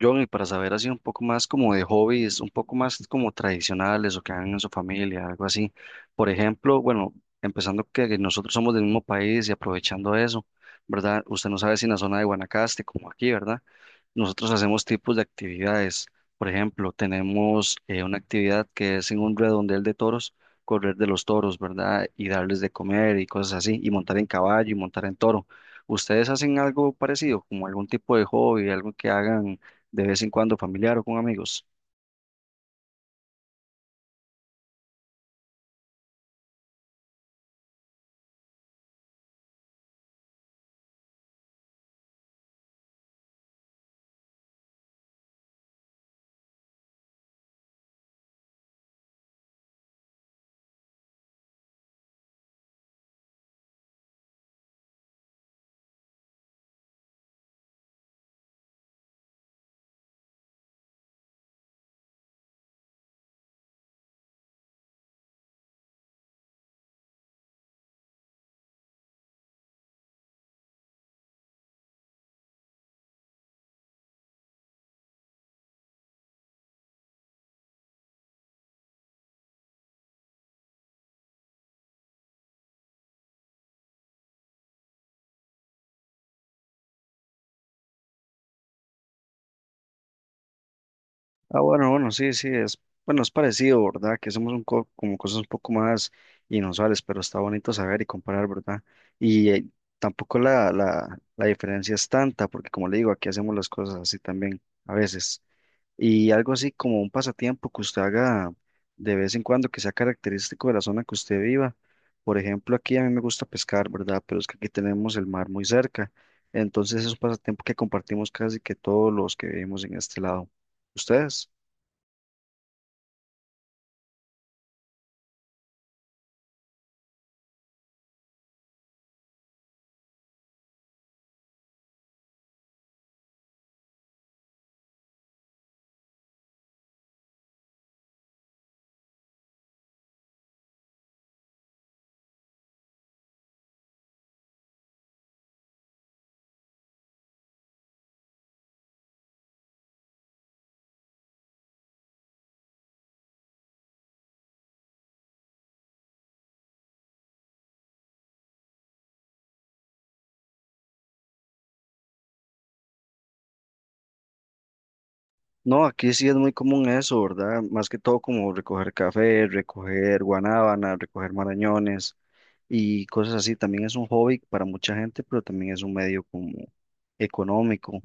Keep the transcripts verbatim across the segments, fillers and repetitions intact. John, y para saber así un poco más como de hobbies, un poco más como tradicionales o que hagan en su familia, algo así. Por ejemplo, bueno, empezando que nosotros somos del mismo país y aprovechando eso, ¿verdad? Usted no sabe si en la zona de Guanacaste, como aquí, ¿verdad? Nosotros hacemos tipos de actividades. Por ejemplo, tenemos eh, una actividad que es en un redondel de toros, correr de los toros, ¿verdad? Y darles de comer y cosas así, y montar en caballo y montar en toro. ¿Ustedes hacen algo parecido, como algún tipo de hobby, algo que hagan? De vez en cuando familiar o con amigos. Ah, bueno, bueno, sí, sí, es, bueno, es parecido, ¿verdad? Que somos un co- como cosas un poco más inusuales, pero está bonito saber y comparar, ¿verdad? Y eh, tampoco la, la, la diferencia es tanta, porque como le digo, aquí hacemos las cosas así también, a veces. Y algo así como un pasatiempo que usted haga de vez en cuando que sea característico de la zona que usted viva. Por ejemplo, aquí a mí me gusta pescar, ¿verdad? Pero es que aquí tenemos el mar muy cerca. Entonces es un pasatiempo que compartimos casi que todos los que vivimos en este lado. ¿Ustedes? No, aquí sí es muy común eso, ¿verdad? Más que todo como recoger café, recoger guanábana, recoger marañones y cosas así. También es un hobby para mucha gente, pero también es un medio como económico.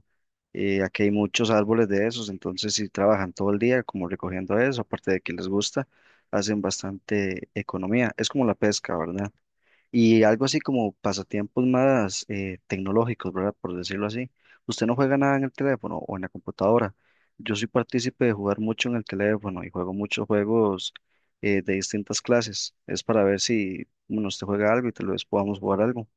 Eh, aquí hay muchos árboles de esos, entonces si trabajan todo el día como recogiendo eso, aparte de que les gusta, hacen bastante economía. Es como la pesca, ¿verdad? Y algo así como pasatiempos más eh, tecnológicos, ¿verdad? Por decirlo así. Usted no juega nada en el teléfono o en la computadora. Yo soy partícipe de jugar mucho en el teléfono y juego muchos juegos eh, de distintas clases. Es para ver si, bueno, usted juega algo y tal vez podamos jugar algo.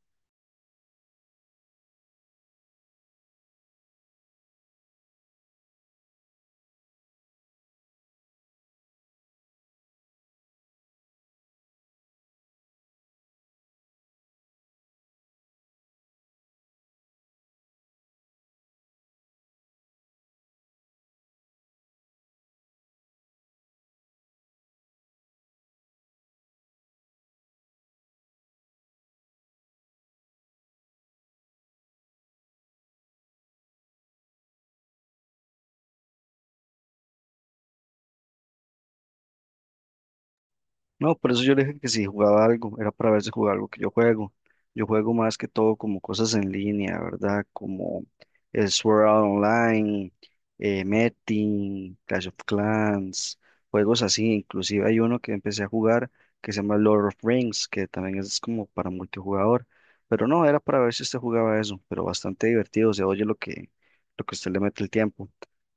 No, por eso yo le dije que si jugaba algo, era para ver si jugaba algo que yo juego. Yo juego más que todo como cosas en línea, ¿verdad? Como el Sword Art Online, eh, Metin, Clash of Clans, juegos así. Inclusive hay uno que empecé a jugar que se llama Lord of Rings, que también es como para multijugador. Pero no, era para ver si usted jugaba eso, pero bastante divertido, se oye lo que, lo que usted le mete el tiempo.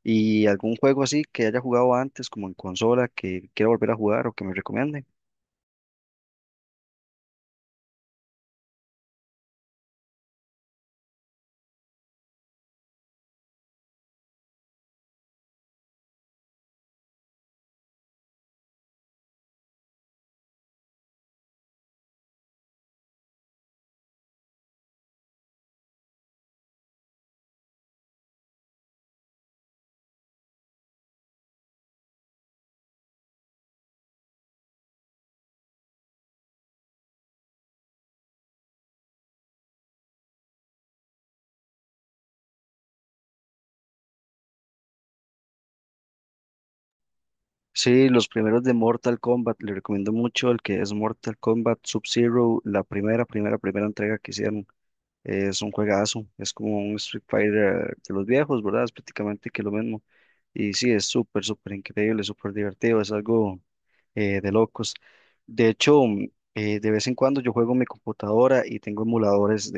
¿Y algún juego así que haya jugado antes, como en consola, que quiera volver a jugar o que me recomiende? Sí, los primeros de Mortal Kombat, le recomiendo mucho el que es Mortal Kombat Sub-Zero, la primera, primera, primera entrega que hicieron. Es un juegazo, es como un Street Fighter de los viejos, ¿verdad? Es prácticamente que lo mismo. Y sí, es súper, súper increíble, súper divertido, es algo eh, de locos. De hecho, mm, eh, de vez en cuando yo juego en mi computadora y tengo emuladores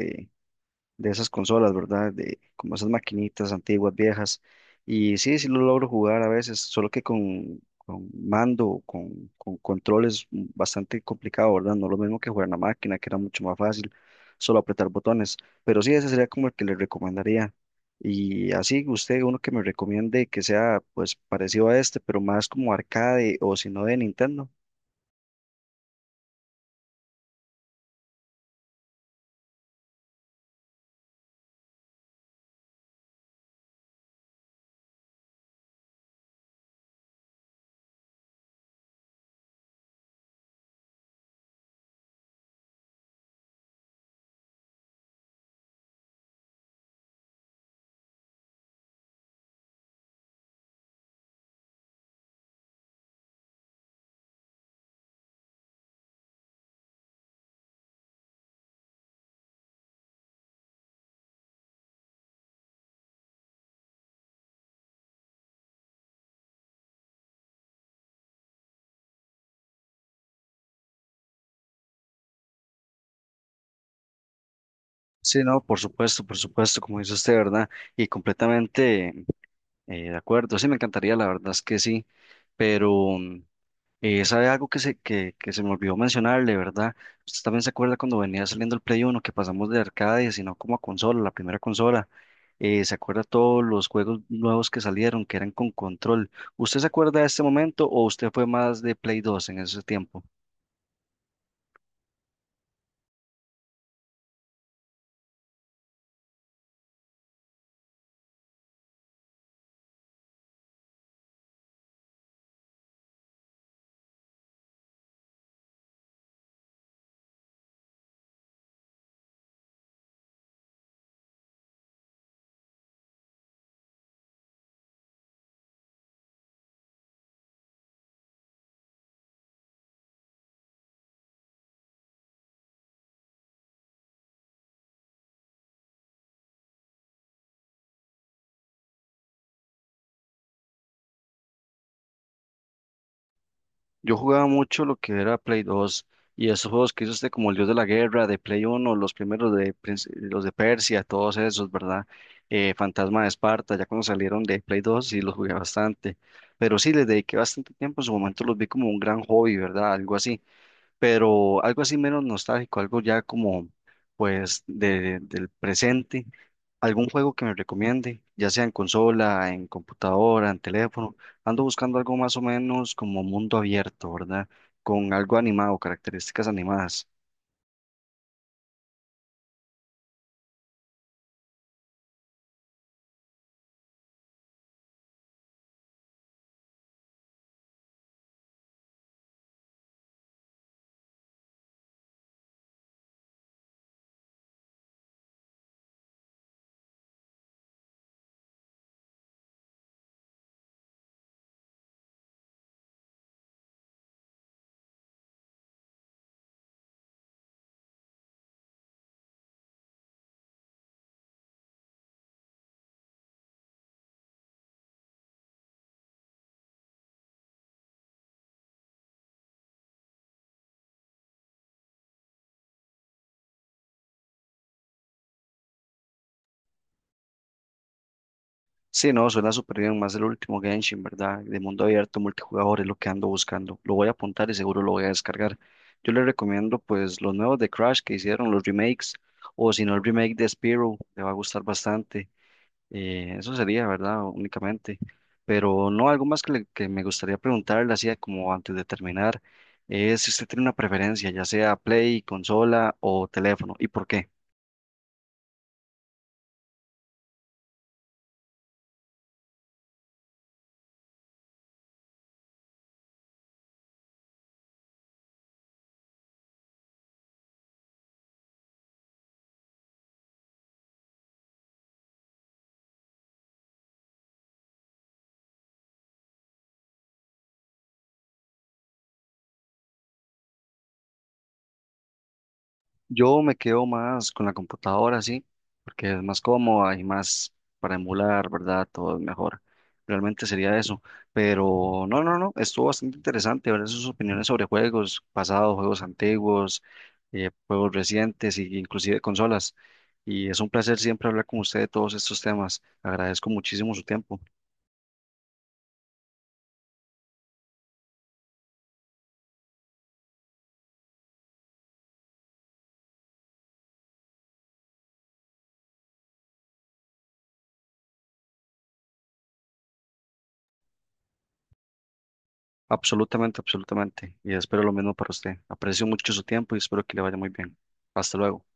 de esas consolas, ¿verdad? De como esas maquinitas antiguas, viejas. Y sí, sí lo logro jugar a veces, solo que con, con mando, o con, con controles bastante complicado, ¿verdad? No lo mismo que jugar en la máquina, que era mucho más fácil, solo apretar botones. Pero sí, ese sería como el que le recomendaría. Y así, usted, uno que me recomiende que sea pues parecido a este, pero más como arcade o si no de Nintendo. Sí, no, por supuesto, por supuesto, como dice usted, ¿verdad? Y completamente Eh, de acuerdo, sí, me encantaría, la verdad es que sí, pero mm, eh, ¿sabe algo que se, que, que se me olvidó mencionarle, verdad? Usted también se acuerda cuando venía saliendo el Play Uno que pasamos de arcade, sino como a consola, la primera consola. Eh, ¿se acuerda todos los juegos nuevos que salieron, que eran con control? ¿Usted se acuerda de este momento o usted fue más de Play Dos en ese tiempo? Yo jugaba mucho lo que era Play dos y esos juegos que hizo usted como el Dios de la Guerra, de Play uno, los primeros de Prince- los de Persia, todos esos, ¿verdad? Eh, Fantasma de Esparta, ya cuando salieron de Play dos sí los jugué bastante, pero sí les dediqué bastante tiempo, en su momento los vi como un gran hobby, ¿verdad? Algo así, pero algo así menos nostálgico, algo ya como pues de, del presente, algún juego que me recomiende, ya sea en consola, en computadora, en teléfono, ando buscando algo más o menos como mundo abierto, ¿verdad? Con algo animado, características animadas. Sí, no, suena súper bien, más el último Genshin, ¿verdad? De mundo abierto, multijugador, es lo que ando buscando. Lo voy a apuntar y seguro lo voy a descargar. Yo le recomiendo pues los nuevos de Crash que hicieron, los remakes, o si no el remake de Spyro, le va a gustar bastante. Eh, eso sería, ¿verdad? Únicamente. Pero no, algo más que, le- que me gustaría preguntarle, así como antes de terminar, es si usted tiene una preferencia, ya sea Play, consola o teléfono, ¿y por qué? Yo me quedo más con la computadora, sí, porque es más cómoda y más para emular, ¿verdad? Todo es mejor. Realmente sería eso. Pero no, no, no, estuvo bastante interesante ver sus opiniones sobre juegos pasados, juegos antiguos, eh, juegos recientes e inclusive consolas. Y es un placer siempre hablar con usted de todos estos temas. Agradezco muchísimo su tiempo. Absolutamente, absolutamente. Y espero lo mismo para usted. Aprecio mucho su tiempo y espero que le vaya muy bien. Hasta luego.